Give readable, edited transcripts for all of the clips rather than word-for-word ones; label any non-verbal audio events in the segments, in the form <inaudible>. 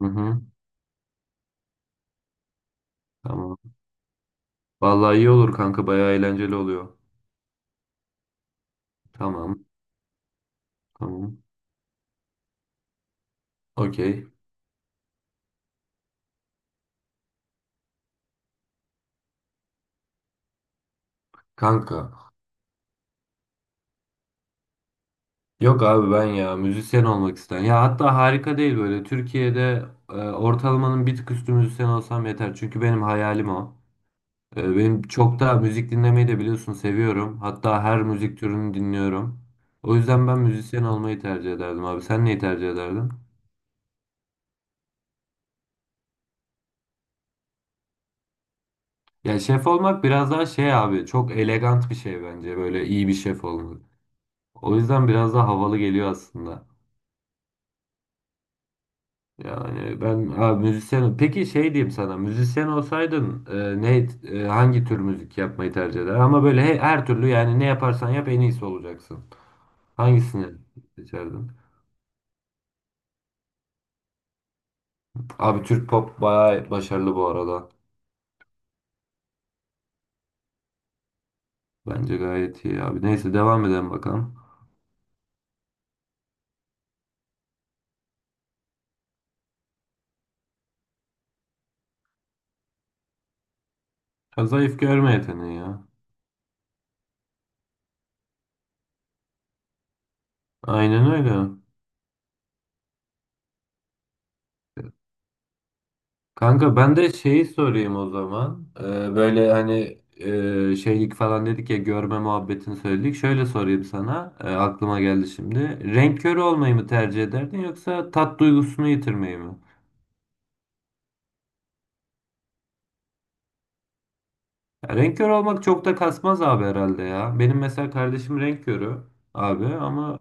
Hı hı, tamam. Vallahi iyi olur kanka, bayağı eğlenceli oluyor. Tamam tamam. Okey. Kanka. Yok abi, ben ya müzisyen olmak isterim. Ya hatta harika değil böyle. Türkiye'de ortalamanın bir tık üstü müzisyen olsam yeter. Çünkü benim hayalim o. Benim çok da müzik dinlemeyi de biliyorsun, seviyorum. Hatta her müzik türünü dinliyorum. O yüzden ben müzisyen olmayı tercih ederdim abi. Sen neyi tercih ederdin? Ya şef olmak biraz daha şey abi, çok elegant bir şey bence böyle iyi bir şef olmak. O yüzden biraz daha havalı geliyor aslında. Yani ben müzisyen. Peki şey diyeyim sana. Müzisyen olsaydın ne hangi tür müzik yapmayı tercih eder? Ama böyle her türlü, yani ne yaparsan yap, en iyisi olacaksın. Hangisini seçerdin? Abi Türk pop bayağı başarılı bu arada. Bence gayet iyi abi. Neyse devam edelim bakalım. Ha, zayıf görme yeteneği ya. Aynen öyle. Kanka ben de şeyi sorayım o zaman. Böyle hani şeylik falan dedik ya, görme muhabbetini söyledik. Şöyle sorayım sana. Aklıma geldi şimdi. Renk körü olmayı mı tercih ederdin, yoksa tat duygusunu yitirmeyi mi? Ya, renk körü olmak çok da kasmaz abi herhalde ya. Benim mesela kardeşim renk körü abi, ama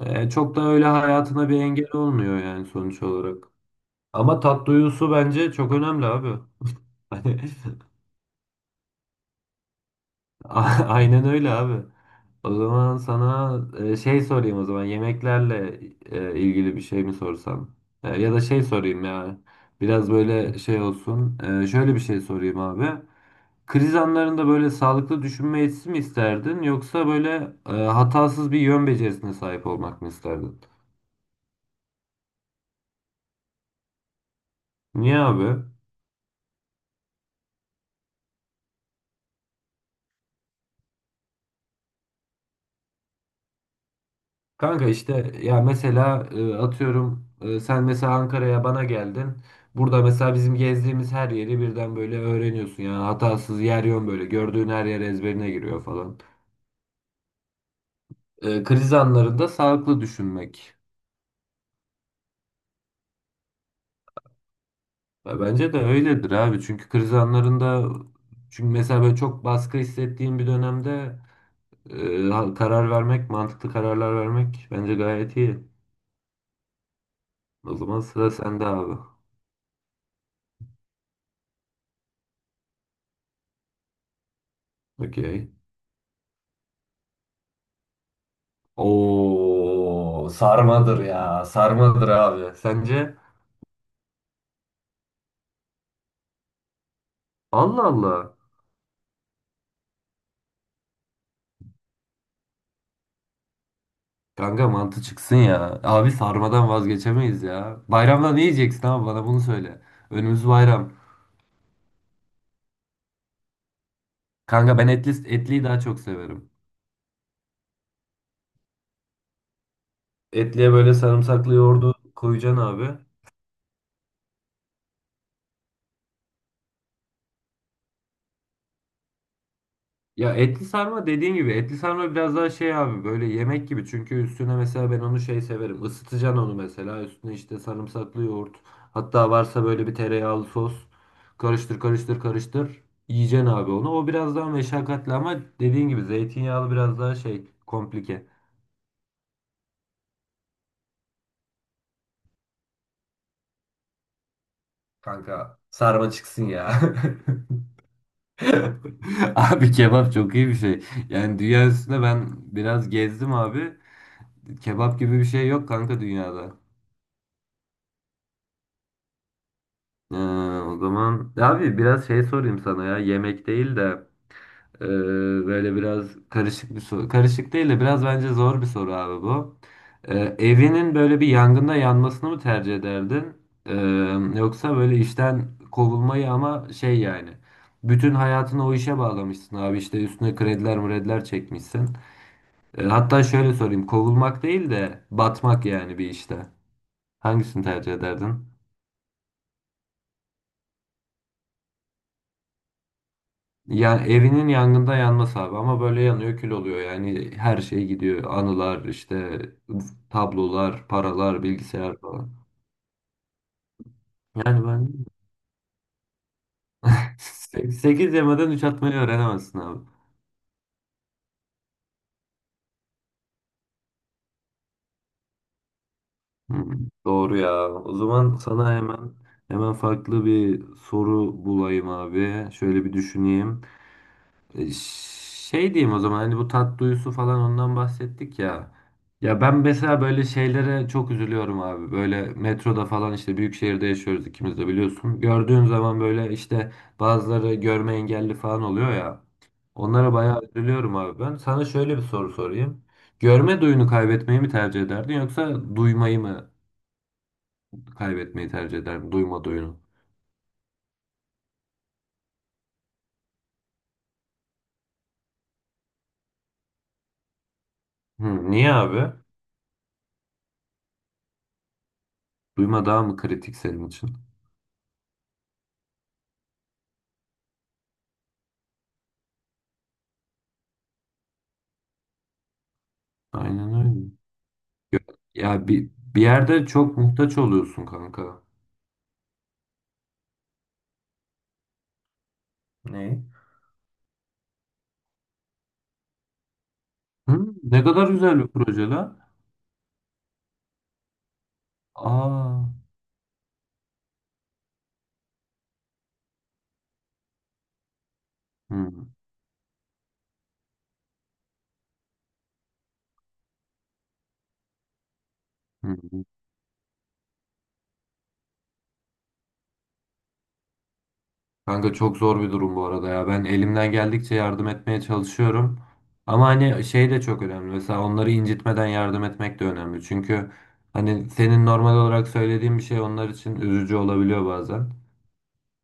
çok da öyle hayatına bir engel olmuyor yani sonuç olarak. Ama tat duygusu bence çok önemli abi. <laughs> Hani A- <laughs> aynen öyle abi. O zaman sana şey sorayım o zaman, yemeklerle ilgili bir şey mi sorsam? Ya da şey sorayım ya. Biraz böyle şey olsun. Şöyle bir şey sorayım abi. Kriz anlarında böyle sağlıklı düşünme yetisi mi isterdin, yoksa böyle hatasız bir yön becerisine sahip olmak mı isterdin? Niye abi? Kanka işte ya mesela atıyorum sen mesela Ankara'ya bana geldin. Burada mesela bizim gezdiğimiz her yeri birden böyle öğreniyorsun. Yani hatasız yer yön, böyle gördüğün her yer ezberine giriyor falan. E, kriz anlarında sağlıklı düşünmek. Ya bence de öyledir abi. Çünkü kriz anlarında, çünkü mesela böyle çok baskı hissettiğim bir dönemde karar vermek, mantıklı kararlar vermek bence gayet iyi. O zaman sıra sende abi. Okey. Oo, sarmadır ya. Sarmadır abi. Sence? Allah Allah. Kanka mantı çıksın ya. Abi sarmadan vazgeçemeyiz ya. Bayramda ne yiyeceksin abi, bana bunu söyle. Önümüz bayram. Kanka ben etliyi daha çok severim. Etliye böyle sarımsaklı yoğurdu koyacaksın abi. Ya etli sarma, dediğin gibi etli sarma biraz daha şey abi, böyle yemek gibi, çünkü üstüne mesela ben onu şey severim, ısıtacaksın onu, mesela üstüne işte sarımsaklı yoğurt, hatta varsa böyle bir tereyağlı sos, karıştır karıştır karıştır yiyeceksin abi onu. O biraz daha meşakkatli, ama dediğin gibi zeytinyağlı biraz daha şey, komplike. Kanka sarma çıksın ya. <laughs> Abi kebap çok iyi bir şey. Yani dünya üstünde ben biraz gezdim abi. Kebap gibi bir şey yok kanka dünyada. Ee, o zaman ya abi biraz şey sorayım sana, ya yemek değil de e, böyle biraz karışık bir soru. Karışık değil de biraz bence zor bir soru abi bu. Evinin böyle bir yangında yanmasını mı tercih ederdin? Ee, Yoksa böyle işten kovulmayı, ama şey yani bütün hayatını o işe bağlamışsın abi, işte üstüne krediler mrediler çekmişsin. Hatta şöyle sorayım, kovulmak değil de batmak yani bir işte. Hangisini tercih ederdin? Ya evinin yangında yanmaz abi, ama böyle yanıyor, kül oluyor, yani her şey gidiyor, anılar, işte tablolar, paralar, bilgisayar falan. Yani ben <laughs> 8 yemeden 3 atmayı öğrenemezsin abi. Hmm, doğru ya. O zaman sana hemen farklı bir soru bulayım abi. Şöyle bir düşüneyim. E, Şey diyeyim o zaman, hani bu tat duyusu falan, ondan bahsettik ya. Ya ben mesela böyle şeylere çok üzülüyorum abi. Böyle metroda falan, işte büyük şehirde yaşıyoruz ikimiz de biliyorsun. Gördüğün zaman böyle işte bazıları görme engelli falan oluyor ya. Onlara bayağı üzülüyorum abi ben. Sana şöyle bir soru sorayım. Görme duyunu kaybetmeyi mi tercih ederdin, yoksa duymayı mı kaybetmeyi tercih ederdin? Duyma duyunu. Hı, niye abi? Duyma daha mı kritik senin için? Aynen öyle. Ya bir yerde çok muhtaç oluyorsun kanka. Ne? Hı, ne kadar güzel bir proje lan. Aa. Hı, hı. Kanka çok zor bir durum bu arada ya. Ben elimden geldikçe yardım etmeye çalışıyorum. Ama hani şey de çok önemli. Mesela onları incitmeden yardım etmek de önemli. Çünkü hani senin normal olarak söylediğin bir şey onlar için üzücü olabiliyor bazen.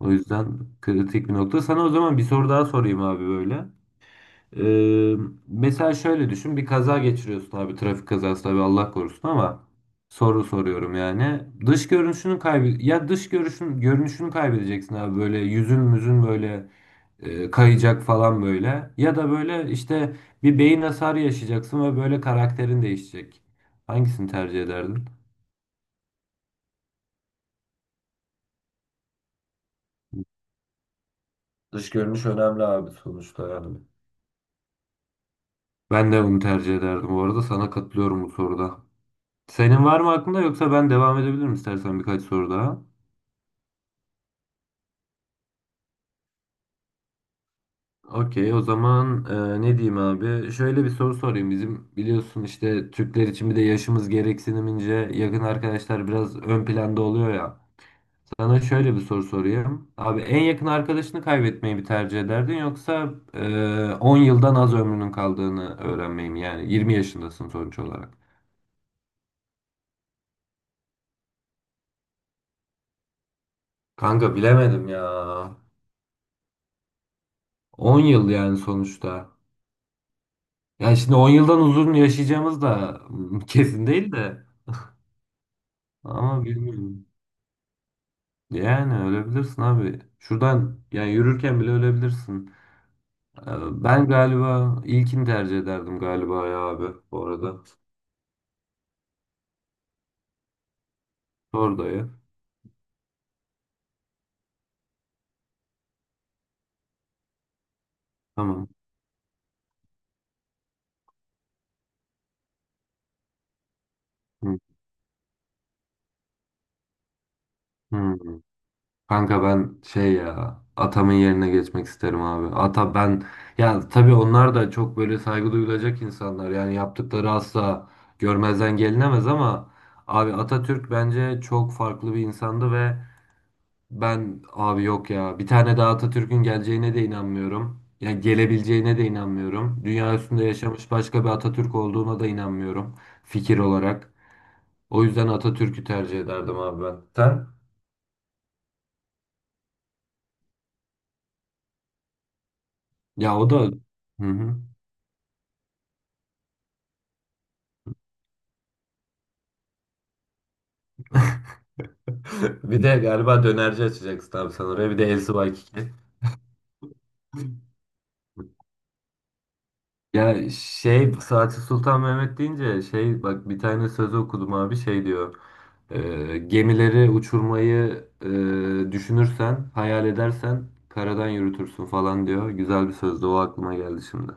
O yüzden kritik bir nokta. Sana o zaman bir soru daha sorayım abi böyle. Ee, mesela şöyle düşün, bir kaza geçiriyorsun abi, trafik kazası tabii Allah korusun, ama soru soruyorum yani, dış görünüşünü kaybı ya dış görünüşün görünüşünü kaybedeceksin abi, böyle yüzün müzün böyle kayacak falan, böyle ya da böyle işte bir beyin hasarı yaşayacaksın ve böyle karakterin değişecek. Hangisini tercih ederdin? Dış görünüş önemli abi sonuçta yani. Ben de bunu tercih ederdim bu arada, sana katılıyorum bu soruda. Senin var mı aklında, yoksa ben devam edebilirim istersen birkaç soru daha. Okey, o zaman ne diyeyim abi? Şöyle bir soru sorayım. Bizim biliyorsun işte Türkler için bir de yaşımız gereksinimince yakın arkadaşlar biraz ön planda oluyor ya. Sana şöyle bir soru sorayım. Abi en yakın arkadaşını kaybetmeyi mi tercih ederdin, yoksa 10 yıldan az ömrünün kaldığını öğrenmeyi mi? Yani 20 yaşındasın sonuç olarak. Kanka bilemedim ya. 10 yıl yani sonuçta. Yani şimdi 10 yıldan uzun yaşayacağımız da <laughs> kesin değil de. Ama bilmiyorum. Yani ölebilirsin abi. Şuradan yani yürürken bile ölebilirsin. Ben galiba ilkini tercih ederdim galiba ya abi bu arada. Sor dayı. Tamam. Hı. Hı. Kanka ben şey ya, atamın yerine geçmek isterim abi. Ata ben, ya tabii onlar da çok böyle saygı duyulacak insanlar. Yani yaptıkları asla görmezden gelinemez, ama abi Atatürk bence çok farklı bir insandı ve ben abi yok ya. Bir tane daha Atatürk'ün geleceğine de inanmıyorum. Ya gelebileceğine de inanmıyorum. Dünya üstünde yaşamış başka bir Atatürk olduğuna da inanmıyorum, fikir olarak. O yüzden Atatürk'ü tercih ederdim abi ben. Sen? Ya o da hı hı. <laughs> Bir de galiba dönerci açacaksın abi sen oraya. Bir de El Subaykiki. Ya şey Saati Sultan Mehmet deyince şey, bak bir tane sözü okudum abi, şey diyor. Gemileri uçurmayı düşünürsen, hayal edersen karadan yürütürsün" falan diyor. Güzel bir sözdü, o aklıma geldi şimdi.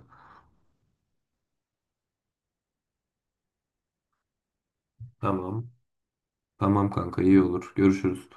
Tamam. Tamam kanka, iyi olur. Görüşürüz.